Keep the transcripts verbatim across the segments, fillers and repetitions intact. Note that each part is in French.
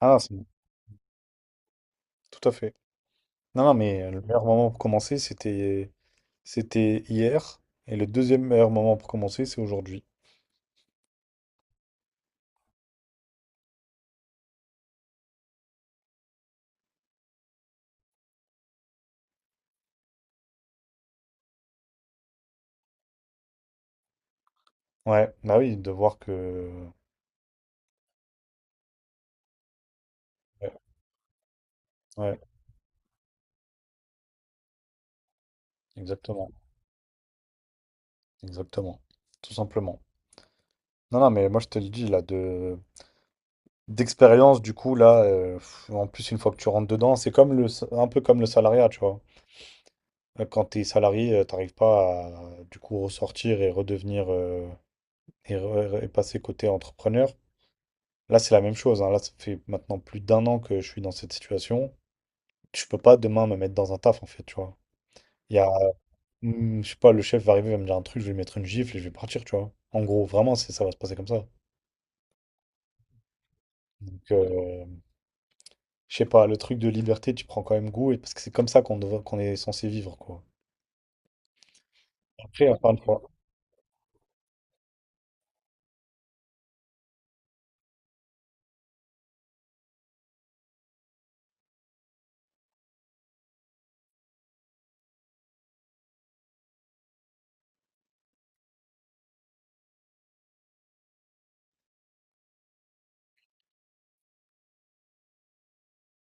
Ah, c'est- Bon. Tout à fait. Non, non, mais euh, le meilleur moment pour commencer, c'était c'était hier. Et le deuxième meilleur moment pour commencer, c'est aujourd'hui. Ouais, bah oui, de voir que. Ouais, ouais, exactement. Exactement. Tout simplement. Non, non, mais moi, je te le dis, là, de d'expérience, du coup, là, euh, pff, en plus, une fois que tu rentres dedans, c'est comme le, sa- un peu comme le salariat, tu vois. Euh, Quand t'es salarié, euh, t'arrives pas à, du coup, ressortir et redevenir. euh, et, re- et passer côté entrepreneur. Là, c'est la même chose, hein. Là, ça fait maintenant plus d'un an que je suis dans cette situation. Je peux pas demain me mettre dans un taf, en fait, tu vois. Il y a, Hmm, je sais pas, le chef va arriver, il va me dire un truc, je vais lui mettre une gifle et je vais partir, tu vois. En gros, vraiment, c'est, ça va se passer comme ça. Donc, euh, je sais pas, le truc de liberté, tu prends quand même goût, et, parce que c'est comme ça qu'on devrait- qu'on est censé vivre, quoi. Après, encore une fois.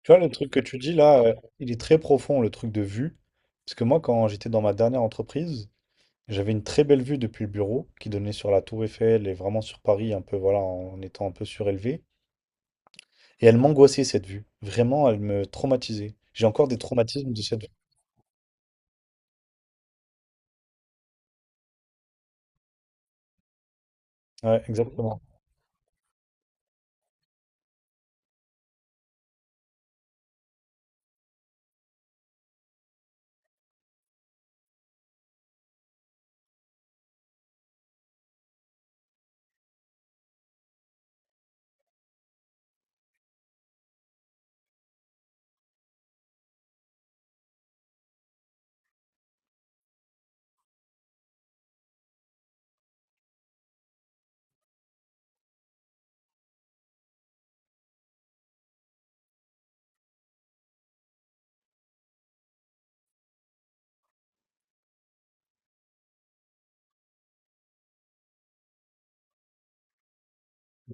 Tu vois, le truc que tu dis là, euh, il est très profond, le truc de vue. Parce que moi, quand j'étais dans ma dernière entreprise, j'avais une très belle vue depuis le bureau qui donnait sur la Tour Eiffel et vraiment sur Paris, un peu, voilà, en étant un peu surélevé. Et elle m'angoissait, cette vue. Vraiment, elle me traumatisait. J'ai encore des traumatismes de cette vue. Ouais, exactement.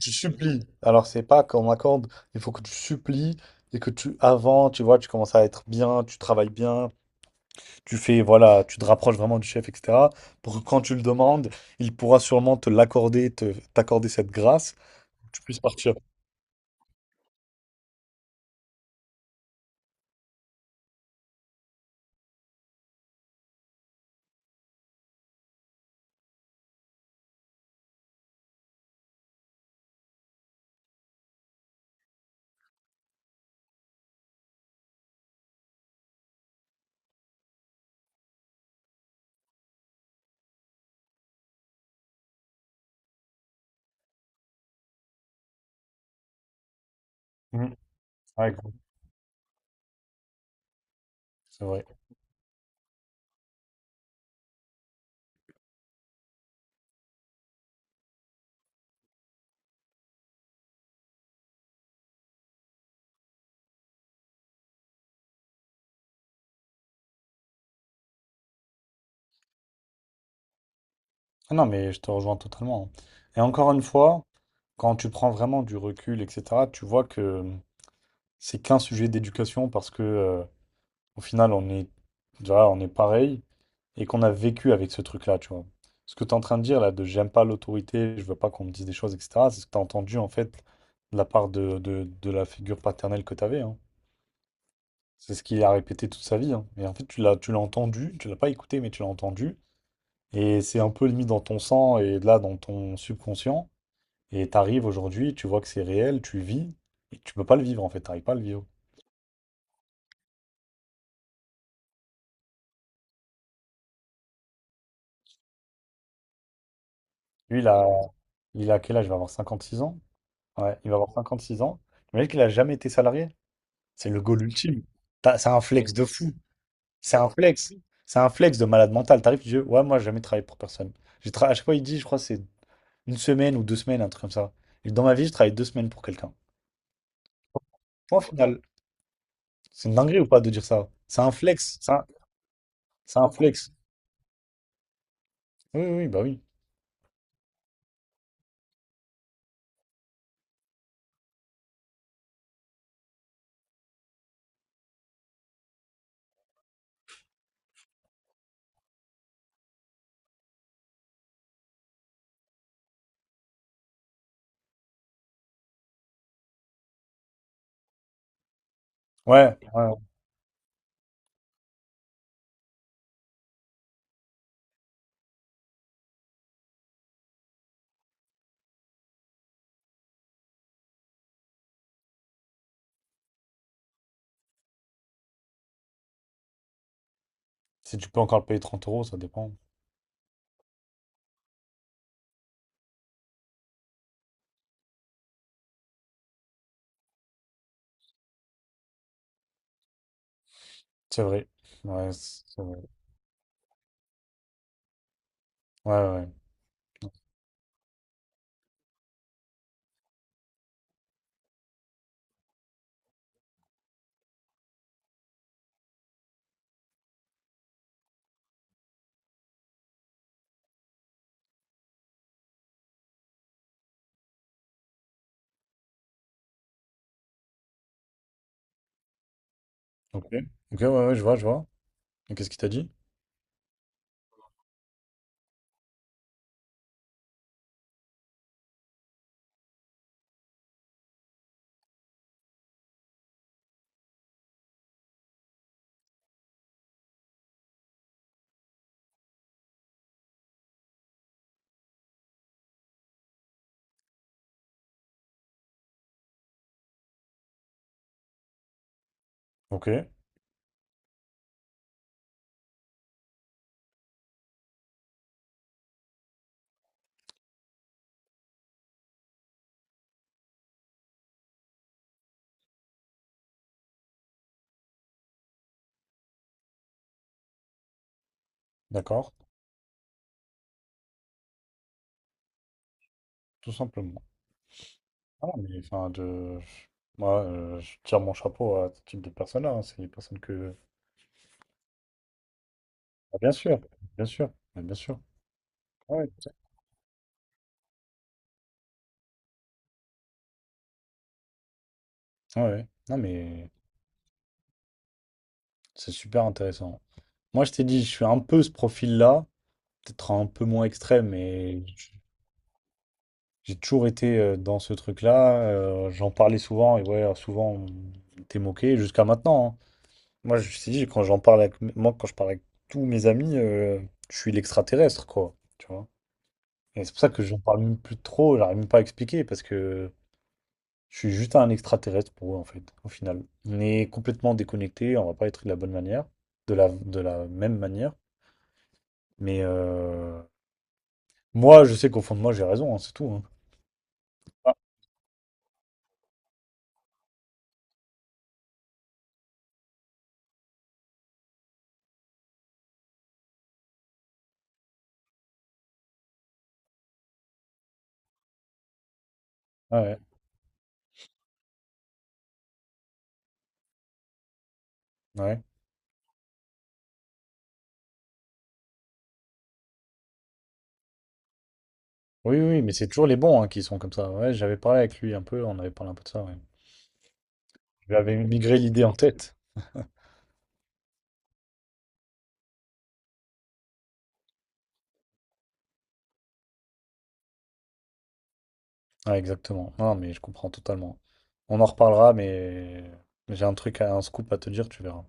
Tu supplies. Alors, c'est pas qu'on m'accorde, il faut que tu supplies et que tu, avant, tu vois, tu commences à être bien, tu travailles bien, tu fais, voilà, tu te rapproches vraiment du chef, et cetera. Pour que quand tu le demandes, il pourra sûrement te l'accorder, te- t'accorder cette grâce, tu puisses partir. Mhm. Ouais, grave. C'est vrai. Ah non, mais je te rejoins totalement, hein. Et encore une fois, quand tu prends vraiment du recul, et cetera, tu vois que c'est qu'un sujet d'éducation parce que euh, au final, on est, tu on est pareil et qu'on a vécu avec ce truc-là, tu vois. Ce que tu es en train de dire là, de j'aime pas l'autorité, je veux pas qu'on me dise des choses, et cetera, c'est ce que tu as entendu en fait de la part de, de- de la figure paternelle que tu avais, hein. C'est ce qu'il a répété toute sa vie, hein. Et en fait, tu l'as, tu l'as entendu, tu l'as pas écouté, mais tu l'as entendu. Et c'est un peu limite dans ton sang et là dans ton subconscient. Et tu arrives aujourd'hui, tu vois que c'est réel, tu vis, et tu peux pas le vivre en fait, tu n'arrives pas à le vivre. Lui, il a, il a quel âge? Il va avoir cinquante-six ans. Ouais, il va avoir cinquante-six ans. Imagine qu'il a jamais été salarié. C'est le goal ultime. T'as- C'est un flex, oui, de fou. C'est un flex. C'est un flex de malade mental. T'arrives, tu dis, ouais, moi, j'ai jamais travaillé pour personne. J'ai tra- À chaque fois, il dit, je crois, que c'est une semaine ou deux semaines, un truc comme ça. Et dans ma vie, je travaille deux semaines pour quelqu'un. Point final. C'est une dinguerie ou pas de dire ça? C'est un flex. C'est un... c'est un flex. Oui, oui, oui, bah oui. Ouais, ouais. Si tu peux encore le payer trente euros, ça dépend. C'est vrai. Ouais, c'est vrai. Ouais, ouais, ouais. Ok, ok, ouais, ouais, je vois, je vois. Et qu'est-ce qu'il t'a dit? Ok, d'accord, tout simplement. Ah, mais enfin, de... moi, euh, je tire mon chapeau à ce type de personnes-là, hein. C'est des personnes que. Ah, bien sûr, bien sûr, mais bien sûr. Ah, ouais, tout à fait, ouais, ouais. Non, mais c'est super intéressant. Moi, je t'ai dit, je suis un peu ce profil-là, peut-être un peu moins extrême, mais j'ai toujours été euh, dans ce truc-là. Euh, j'en parlais souvent et ouais, souvent on était moqué jusqu'à maintenant, hein. Moi, je me suis quand j'en parle avec, moi, quand je parle avec tous mes amis, euh, je suis l'extraterrestre, quoi. Tu vois? Et c'est pour ça que j'en parle même plus trop. J'arrive même pas à expliquer parce que je suis juste un extraterrestre pour eux, en fait, au final. On est complètement déconnecté. On va pas être de la bonne manière, de la, de la même manière. Mais euh, moi, je sais qu'au fond de moi, j'ai raison, hein, c'est tout, hein. Ah, ouais, ouais. Oui, oui, mais c'est toujours les bons hein, qui sont comme ça. Ouais, j'avais parlé avec lui un peu, on avait parlé un peu de ça, ouais. Je lui avais migré l'idée en tête. Ouais, exactement. Non, mais je comprends totalement. On en reparlera, mais j'ai un truc, à- un scoop à te dire, tu verras.